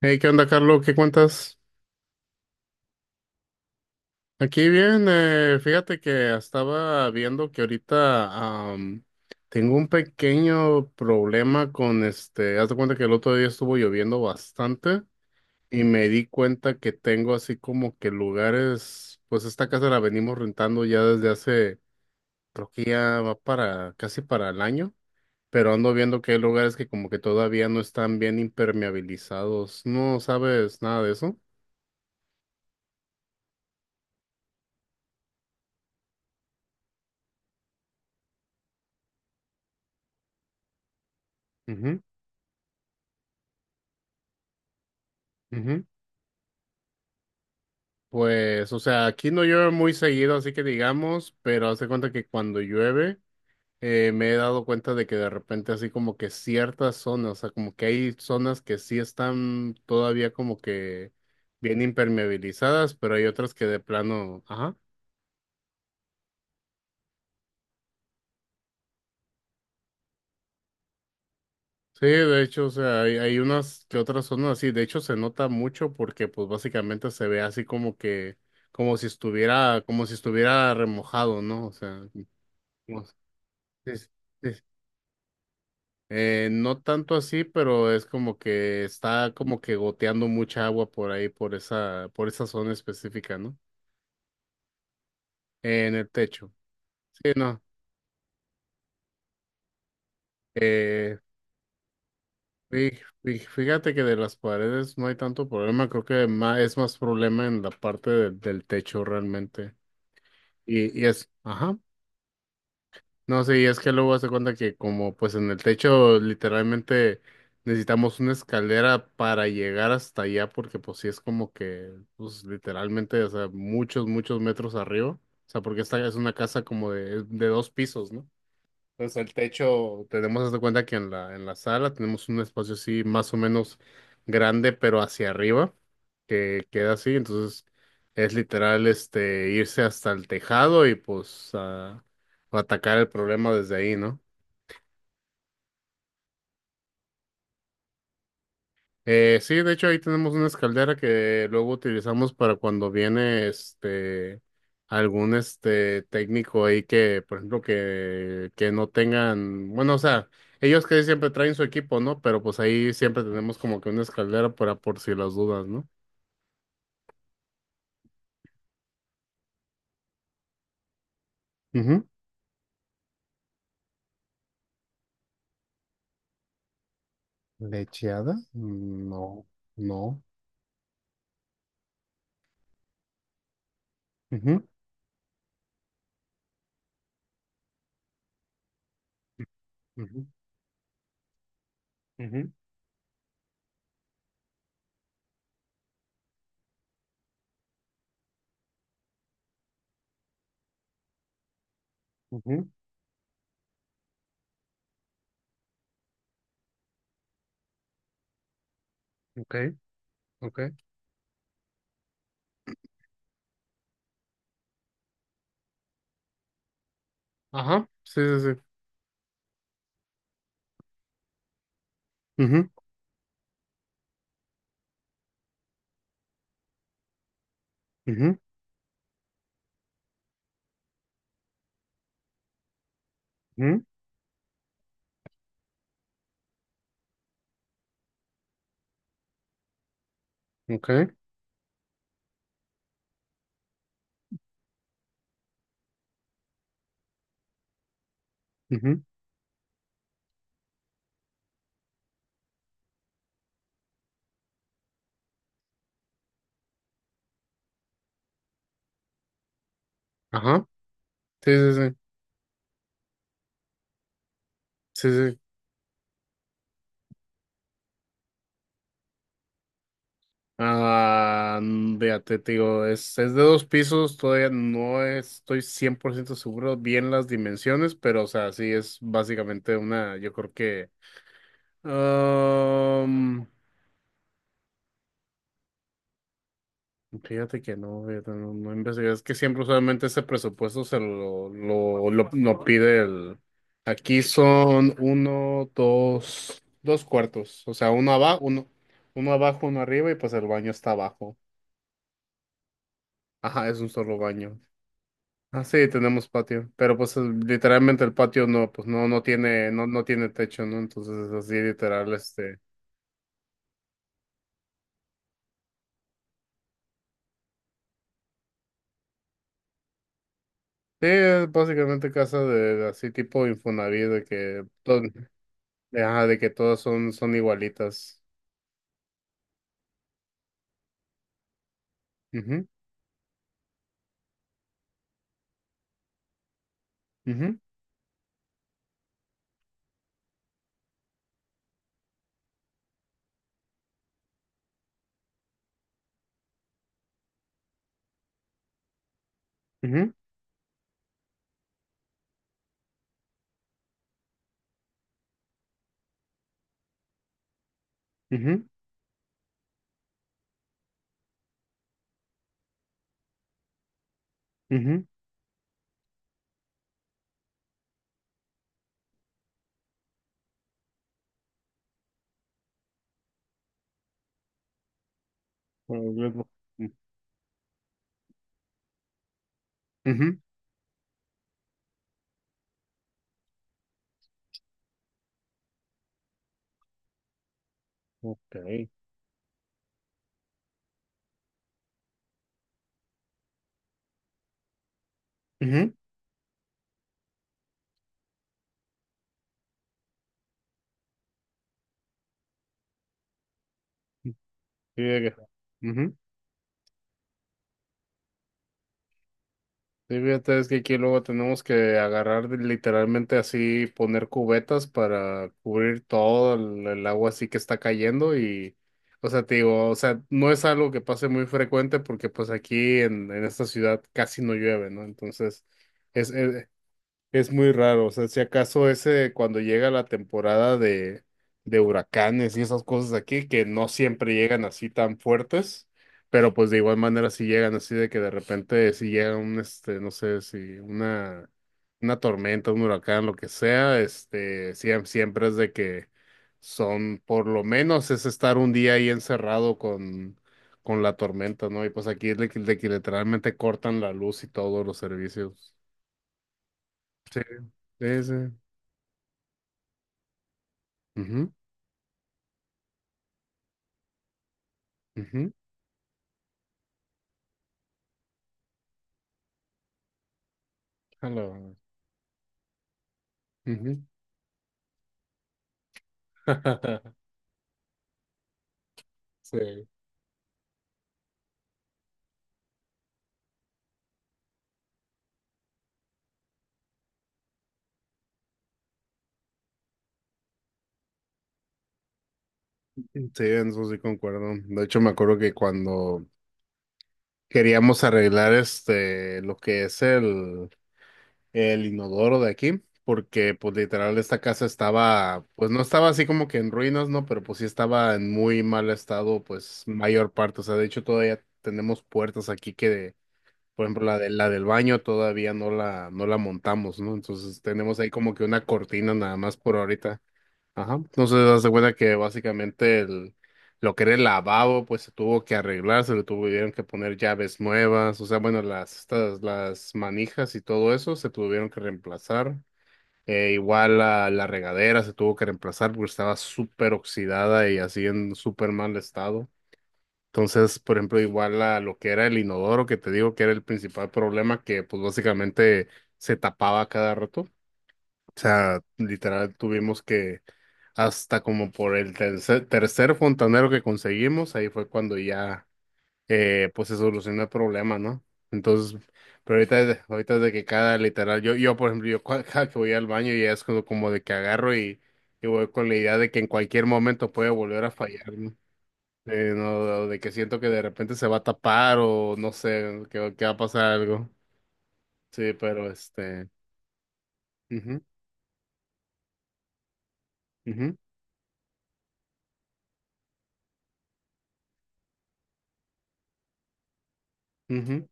Hey, ¿qué onda, Carlos? ¿Qué cuentas? Aquí bien, fíjate que estaba viendo que ahorita tengo un pequeño problema con este, haz de cuenta que el otro día estuvo lloviendo bastante y me di cuenta que tengo así como que lugares, pues esta casa la venimos rentando ya desde hace, creo que ya va para casi para el año, pero ando viendo que hay lugares que como que todavía no están bien impermeabilizados. ¿No sabes nada de eso? Ujú, ujú. Pues, o sea, aquí no llueve muy seguido, así que digamos, pero hace cuenta que cuando llueve, me he dado cuenta de que de repente así como que ciertas zonas, o sea, como que hay zonas que sí están todavía como que bien impermeabilizadas, pero hay otras que de plano, ajá. Sí, de hecho, o sea, hay unas que otras zonas así, de hecho se nota mucho porque pues básicamente se ve así como que, como si estuviera remojado, ¿no? O sea, como- sí, sí. No tanto así, pero es como que está como que goteando mucha agua por ahí, por esa zona específica, ¿no? En el techo. Sí, no. Eh, fí- Fíjate que de las paredes no hay tanto problema, creo que es más problema en la parte del techo realmente. Ajá. No, sí, es que luego hace cuenta que como pues en el techo literalmente necesitamos una escalera para llegar hasta allá porque pues sí es como que pues literalmente, o sea, muchos metros arriba. O sea, porque esta es una casa como de dos pisos, ¿no? Entonces el techo, tenemos hasta cuenta que en la sala tenemos un espacio así más o menos grande, pero hacia arriba, que queda así. Entonces es literal este irse hasta el tejado y pues atacar el problema desde ahí, ¿no? Sí, de hecho ahí tenemos una escaldera que luego utilizamos para cuando viene este algún este técnico ahí que, por ejemplo, que no tengan, bueno, o sea, ellos que siempre traen su equipo, ¿no? Pero pues ahí siempre tenemos como que una escaldera para por si las dudas, no. Ujú. ¿Lecheada? No, no. Ujú, ujú, ujú, ujú. Okay, okay. Ajá, sí, sí, sí. Ujú, ujú, ujú, okay, ujú, ajá, sí, sí, sí, sí, sí. Ah, fíjate, te digo, es de dos pisos, todavía no estoy 100% seguro bien las dimensiones, pero o sea, sí es básicamente una, yo creo que... am, fíjate que no, fíjate, no, no investigué, es que siempre usualmente ese presupuesto se lo pide el... Aquí son dos cuartos, o sea, uno abajo, uno arriba y pues el baño está abajo. Ajá, es un solo baño. Ah, sí, tenemos patio, pero pues literalmente el patio no, pues no, no tiene, no, no tiene techo, ¿no? Entonces es así literal, este, sí, es básicamente casa de así tipo Infonavit, de que, todo, de, ajá, de que todas son, son igualitas. Ujú, ujú, ujú, ujú, ujú. Ujú, ok. Ujú, sí, ujú. Sí, fíjate, es que aquí luego tenemos que agarrar literalmente así, poner cubetas para cubrir todo el agua así que está cayendo y, o sea, te digo, o sea, no es algo que pase muy frecuente porque pues aquí en esta ciudad casi no llueve, ¿no? Entonces, es es- es muy raro, o sea, si acaso ese cuando llega la temporada de huracanes y esas cosas aquí, que no siempre llegan así tan fuertes, pero pues de igual manera si llegan así de que de repente si llega un, este, no sé, si una, una tormenta, un huracán, lo que sea, este, siempre es de que son, por lo menos es estar un día ahí encerrado con la tormenta, ¿no? Y pues aquí es de que literalmente cortan la luz y todos los servicios. Sí, sí. Ujú. Ujú, jalo, ujú. Sí. Sí, en eso sí concuerdo. De hecho, me acuerdo que cuando queríamos arreglar este lo que es el inodoro de aquí, porque pues literal esta casa estaba, pues no estaba así como que en ruinas, ¿no? Pero pues sí estaba en muy mal estado, pues mayor parte. O sea, de hecho todavía tenemos puertas aquí que, por ejemplo, la de la del baño todavía no no la montamos, ¿no? Entonces tenemos ahí como que una cortina nada más por ahorita. Ajá. Entonces, das de cuenta que básicamente el, lo que era el lavabo, pues se tuvo que arreglar, se le tuvieron que poner llaves nuevas, o sea, bueno, las, estas, las manijas y todo eso se tuvieron que reemplazar. Igual la regadera se tuvo que reemplazar porque estaba súper oxidada y así en súper mal estado. Entonces, por ejemplo, igual la, lo que era el inodoro, que te digo que era el principal problema, que pues básicamente se tapaba cada rato. O sea, literal tuvimos que hasta como por el tercer fontanero que conseguimos, ahí fue cuando ya pues se solucionó el problema, ¿no? Entonces, pero ahorita es de que cada literal, yo por ejemplo, cada que voy al baño ya es como, como de que agarro y voy con la idea de que en cualquier momento puede volver a fallar, ¿no? No, de que siento que de repente se va a tapar o no sé, que va a pasar algo. Sí, pero este. Mhm, mhm, mhm.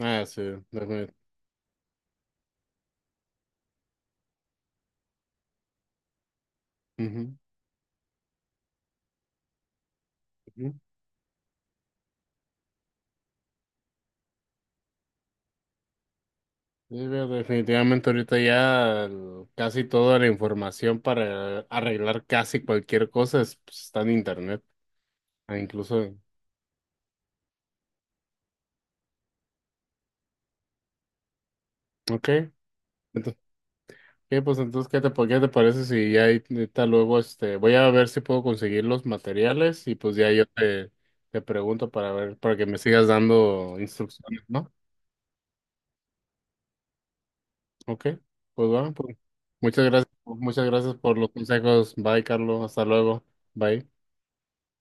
Ah, sí, defini- ujú. Sí, definitivamente ahorita ya casi toda la información para arreglar casi cualquier cosa pues, está en internet. Ah, incluso, ok. Entonces, ok, pues entonces, ¿qué te parece si ya ahorita luego este, voy a ver si puedo conseguir los materiales y pues ya yo te, te pregunto para ver, para que me sigas dando instrucciones, ¿no? Ok, pues bueno, pues muchas gracias por los consejos. Bye, Carlos, hasta luego. Bye.